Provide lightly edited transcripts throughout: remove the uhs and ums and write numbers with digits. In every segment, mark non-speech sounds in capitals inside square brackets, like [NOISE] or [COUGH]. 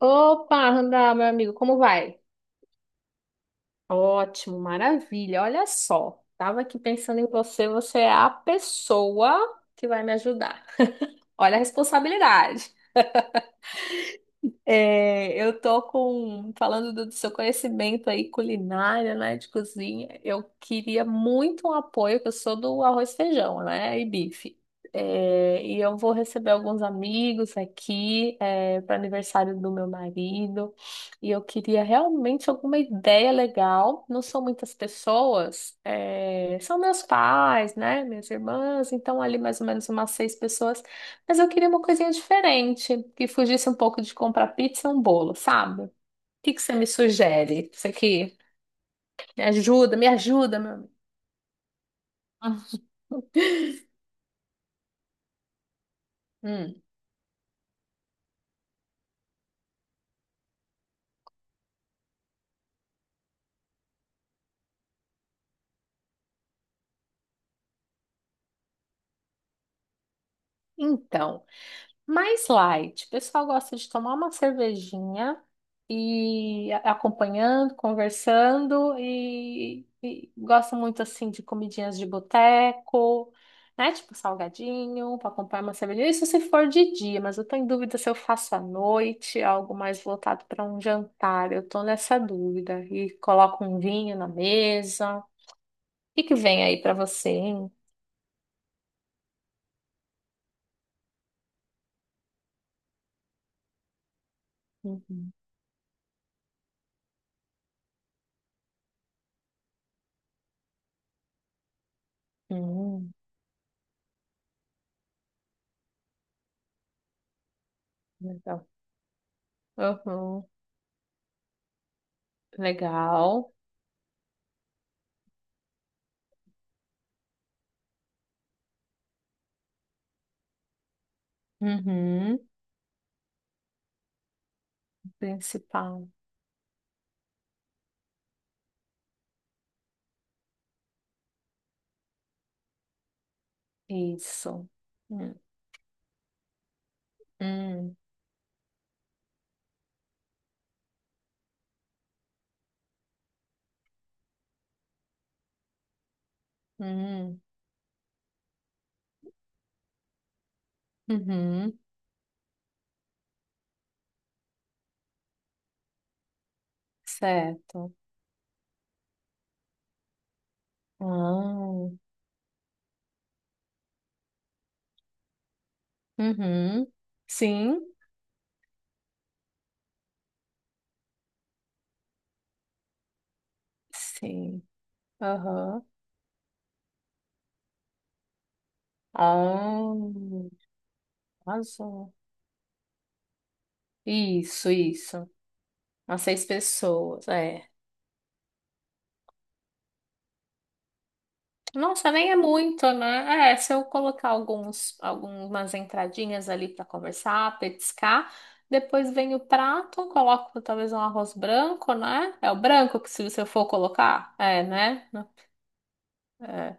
Opa, Randá, meu amigo, como vai? Ótimo, maravilha. Olha só, tava aqui pensando em você você é a pessoa que vai me ajudar. Olha a responsabilidade. Eu tô com, falando do seu conhecimento aí culinária, né, de cozinha, eu queria muito um apoio, que eu sou do arroz e feijão, né, e bife. É, e eu vou receber alguns amigos aqui, para aniversário do meu marido, e eu queria realmente alguma ideia legal. Não são muitas pessoas, é, são meus pais, né, minhas irmãs, então ali mais ou menos umas seis pessoas. Mas eu queria uma coisinha diferente, que fugisse um pouco de comprar pizza e um bolo, sabe? O que que você me sugere? Isso aqui me ajuda, meu amigo. [LAUGHS] Hum. Então. Mais light. O pessoal gosta de tomar uma cervejinha e acompanhando, conversando e gosta muito assim de comidinhas de boteco, né? Tipo salgadinho, para acompanhar uma cervejinha. Isso se for de dia, mas eu tô em dúvida se eu faço à noite, algo mais voltado para um jantar. Eu tô nessa dúvida. E coloco um vinho na mesa. O que que vem aí para você, hein? Uhum. Hum, legal. Uhum. Legal. Uhum. Principal. Isso. Hum, hum, hum, uhum. Certo. Ah, uhum. Sim, sim. Aham. Ah, arrasou. Isso, isso. As seis pessoas, é. Nossa, nem é muito, né? É, se eu colocar alguns, algumas entradinhas ali para conversar, petiscar, depois vem o prato, coloco talvez um arroz branco, né? É o branco que se você for colocar, é, né? É.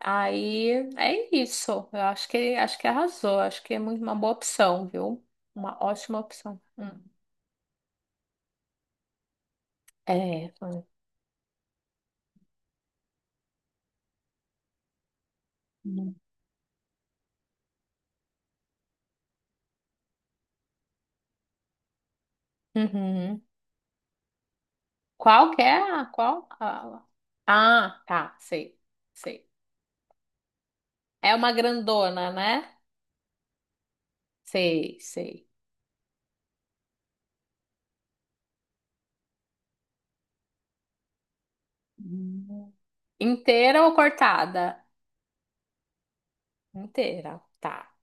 Aí é isso. Eu acho que arrasou. Acho que é muito uma boa opção, viu? Uma ótima opção. Hum. É. Foi. Uhum. Uhum. Qual que é? Qual? Ah, tá, sei, sei. É uma grandona, né? Sei, sei. Hum. Inteira ou cortada? Inteira, tá.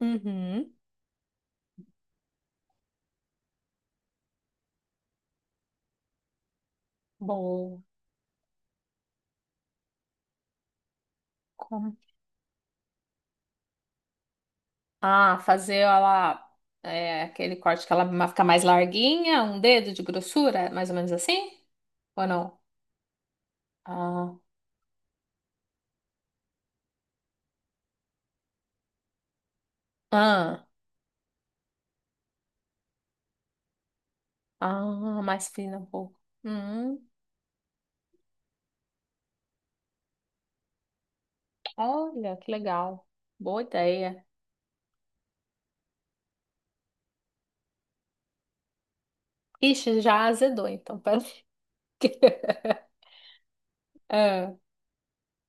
Uhum. Bom. Como- Ah, fazer ela é, aquele corte que ela fica mais larguinha, um dedo de grossura, mais ou menos assim? Ou não? Ah, ah, mais fina um pouco. Hum, olha, que legal. Boa ideia. Ixi, já azedou, então. Pera aí. [LAUGHS] Ah,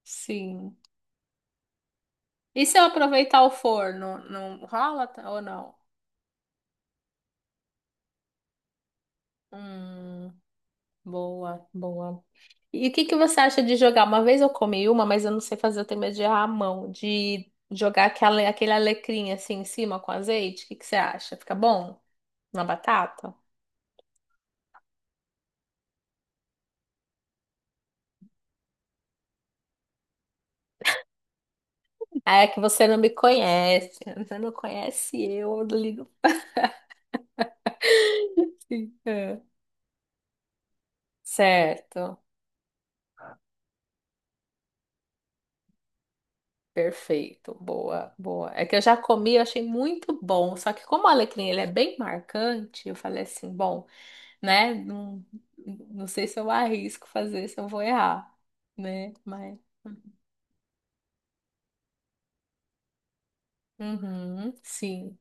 sim. E se eu aproveitar o forno, não rola ou não? Hum, boa, boa. E o que que você acha de jogar? Uma vez eu comi uma, mas eu não sei fazer, eu tenho medo de errar a mão, de jogar aquele alecrim assim em cima com azeite. O que que você acha? Fica bom na batata? Ah, é que você não me conhece, [LAUGHS] você não conhece eu não ligo. Assim. É. Certo, perfeito, boa, boa. É que eu já comi, eu achei muito bom, só que como o alecrim ele é bem marcante, eu falei assim, bom. Né? Não, não sei se eu arrisco fazer, se eu vou errar, né? Mas. Uhum, sim,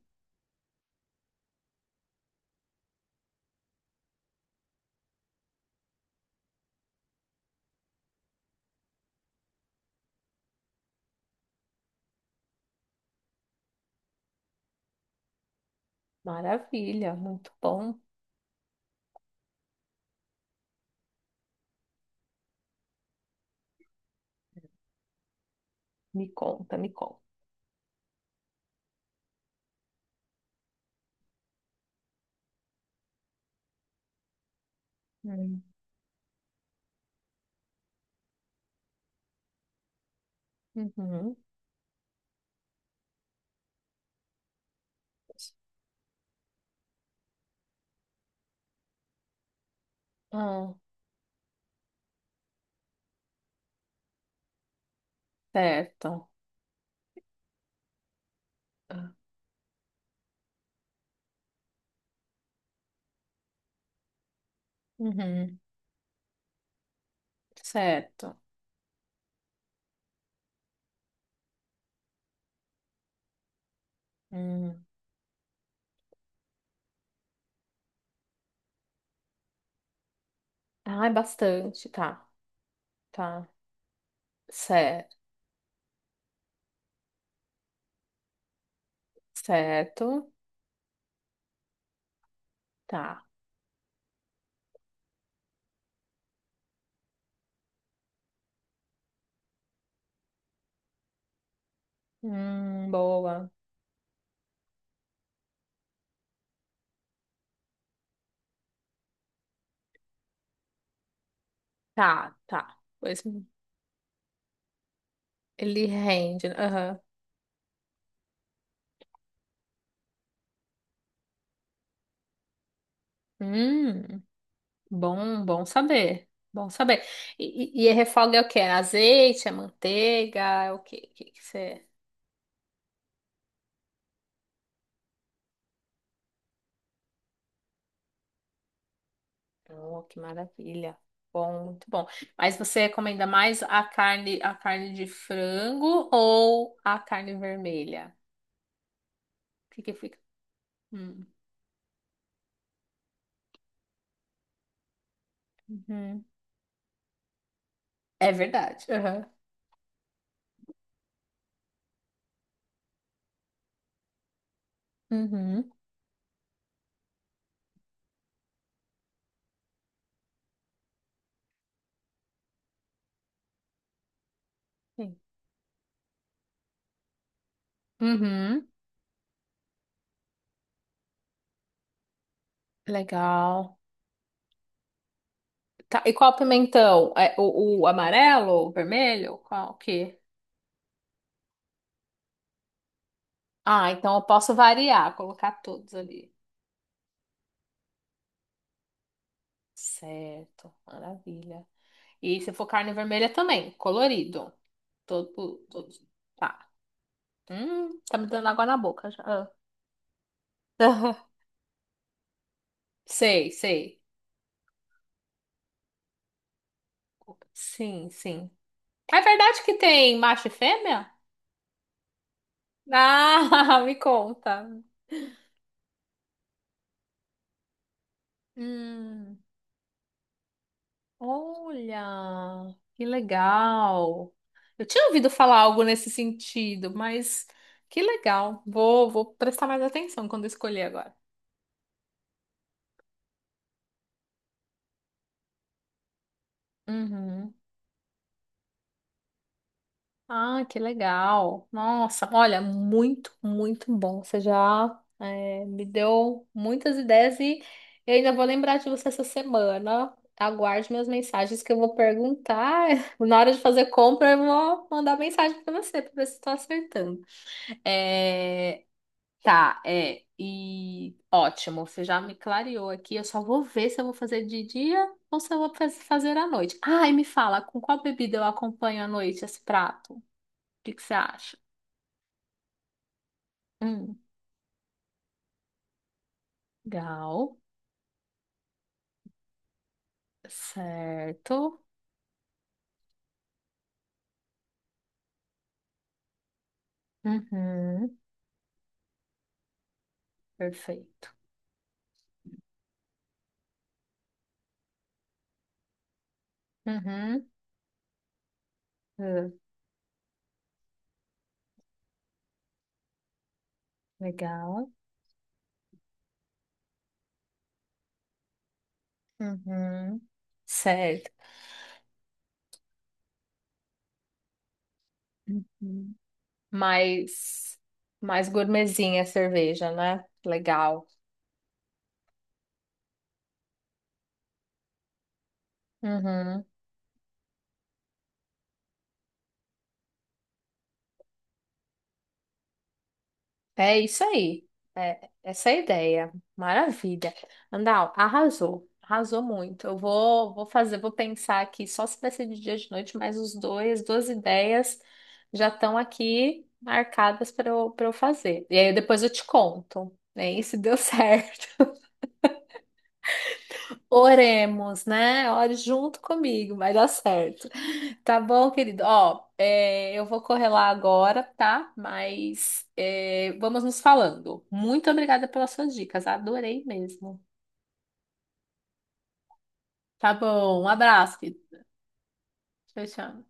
maravilha, muito bom. Me conta, me conta. Hum. Uhum. Ah, certo. Ah. Uhum, certo. Hum. Ah, é bastante, tá, tá. Certo, certo, tá. Boa. Tá, tá. Pois ele rende. Aham. Hum. Bom, bom saber. Bom saber. E a refoga é o quê? É azeite, é manteiga, é o quê? Que você... Oh, que maravilha. Bom, muito bom. Mas você recomenda mais a carne de frango ou a carne vermelha? O que que fica? Hum, uhum. É verdade. Uhum. Uhum. Sim. Uhum. Legal. Tá, e qual pimentão? É o amarelo, o vermelho? Qual que? Ah, então eu posso variar, colocar todos ali. Certo, maravilha. E se for carne vermelha também, colorido. Todo, todo. Tá. Tá me dando água na boca já. Ah. [LAUGHS] Sei, sei. Sim, sim. É verdade que tem macho e fêmea? Ah, [LAUGHS] me conta. Hum, olha, que legal. Eu tinha ouvido falar algo nesse sentido, mas que legal. Vou, vou prestar mais atenção quando escolher agora. Uhum. Ah, que legal. Nossa, olha, muito, muito bom. Você já me deu muitas ideias e eu ainda vou lembrar de você essa semana. Aguarde minhas mensagens que eu vou perguntar. [LAUGHS] Na hora de fazer compra, eu vou mandar mensagem para você para ver se estou acertando. É, tá, é. E ótimo, você já me clareou aqui. Eu só vou ver se eu vou fazer de dia ou se eu vou fazer à noite. Ah, e me fala, com qual bebida eu acompanho à noite esse prato? Que você acha? Hum, legal. Certo. Uhum, perfeito. Uhum, ah, legal. Uhum, certo. Uhum. Mais, mais gourmetzinha a cerveja, né? Legal. Uhum. É isso aí. É essa é a ideia. Maravilha. Andal, arrasou. Arrasou muito. Eu vou, vou fazer, vou pensar aqui só se vai ser de dia ou de noite, mas os dois, duas ideias já estão aqui marcadas para eu fazer. E aí depois eu te conto, né? E se deu certo. [LAUGHS] Oremos, né? Ore junto comigo, vai dar certo. Tá bom, querido. Ó, é, eu vou correr lá agora, tá? Mas é, vamos nos falando. Muito obrigada pelas suas dicas, adorei mesmo. Tá bom, um abraço, querido. Tchau, tchau.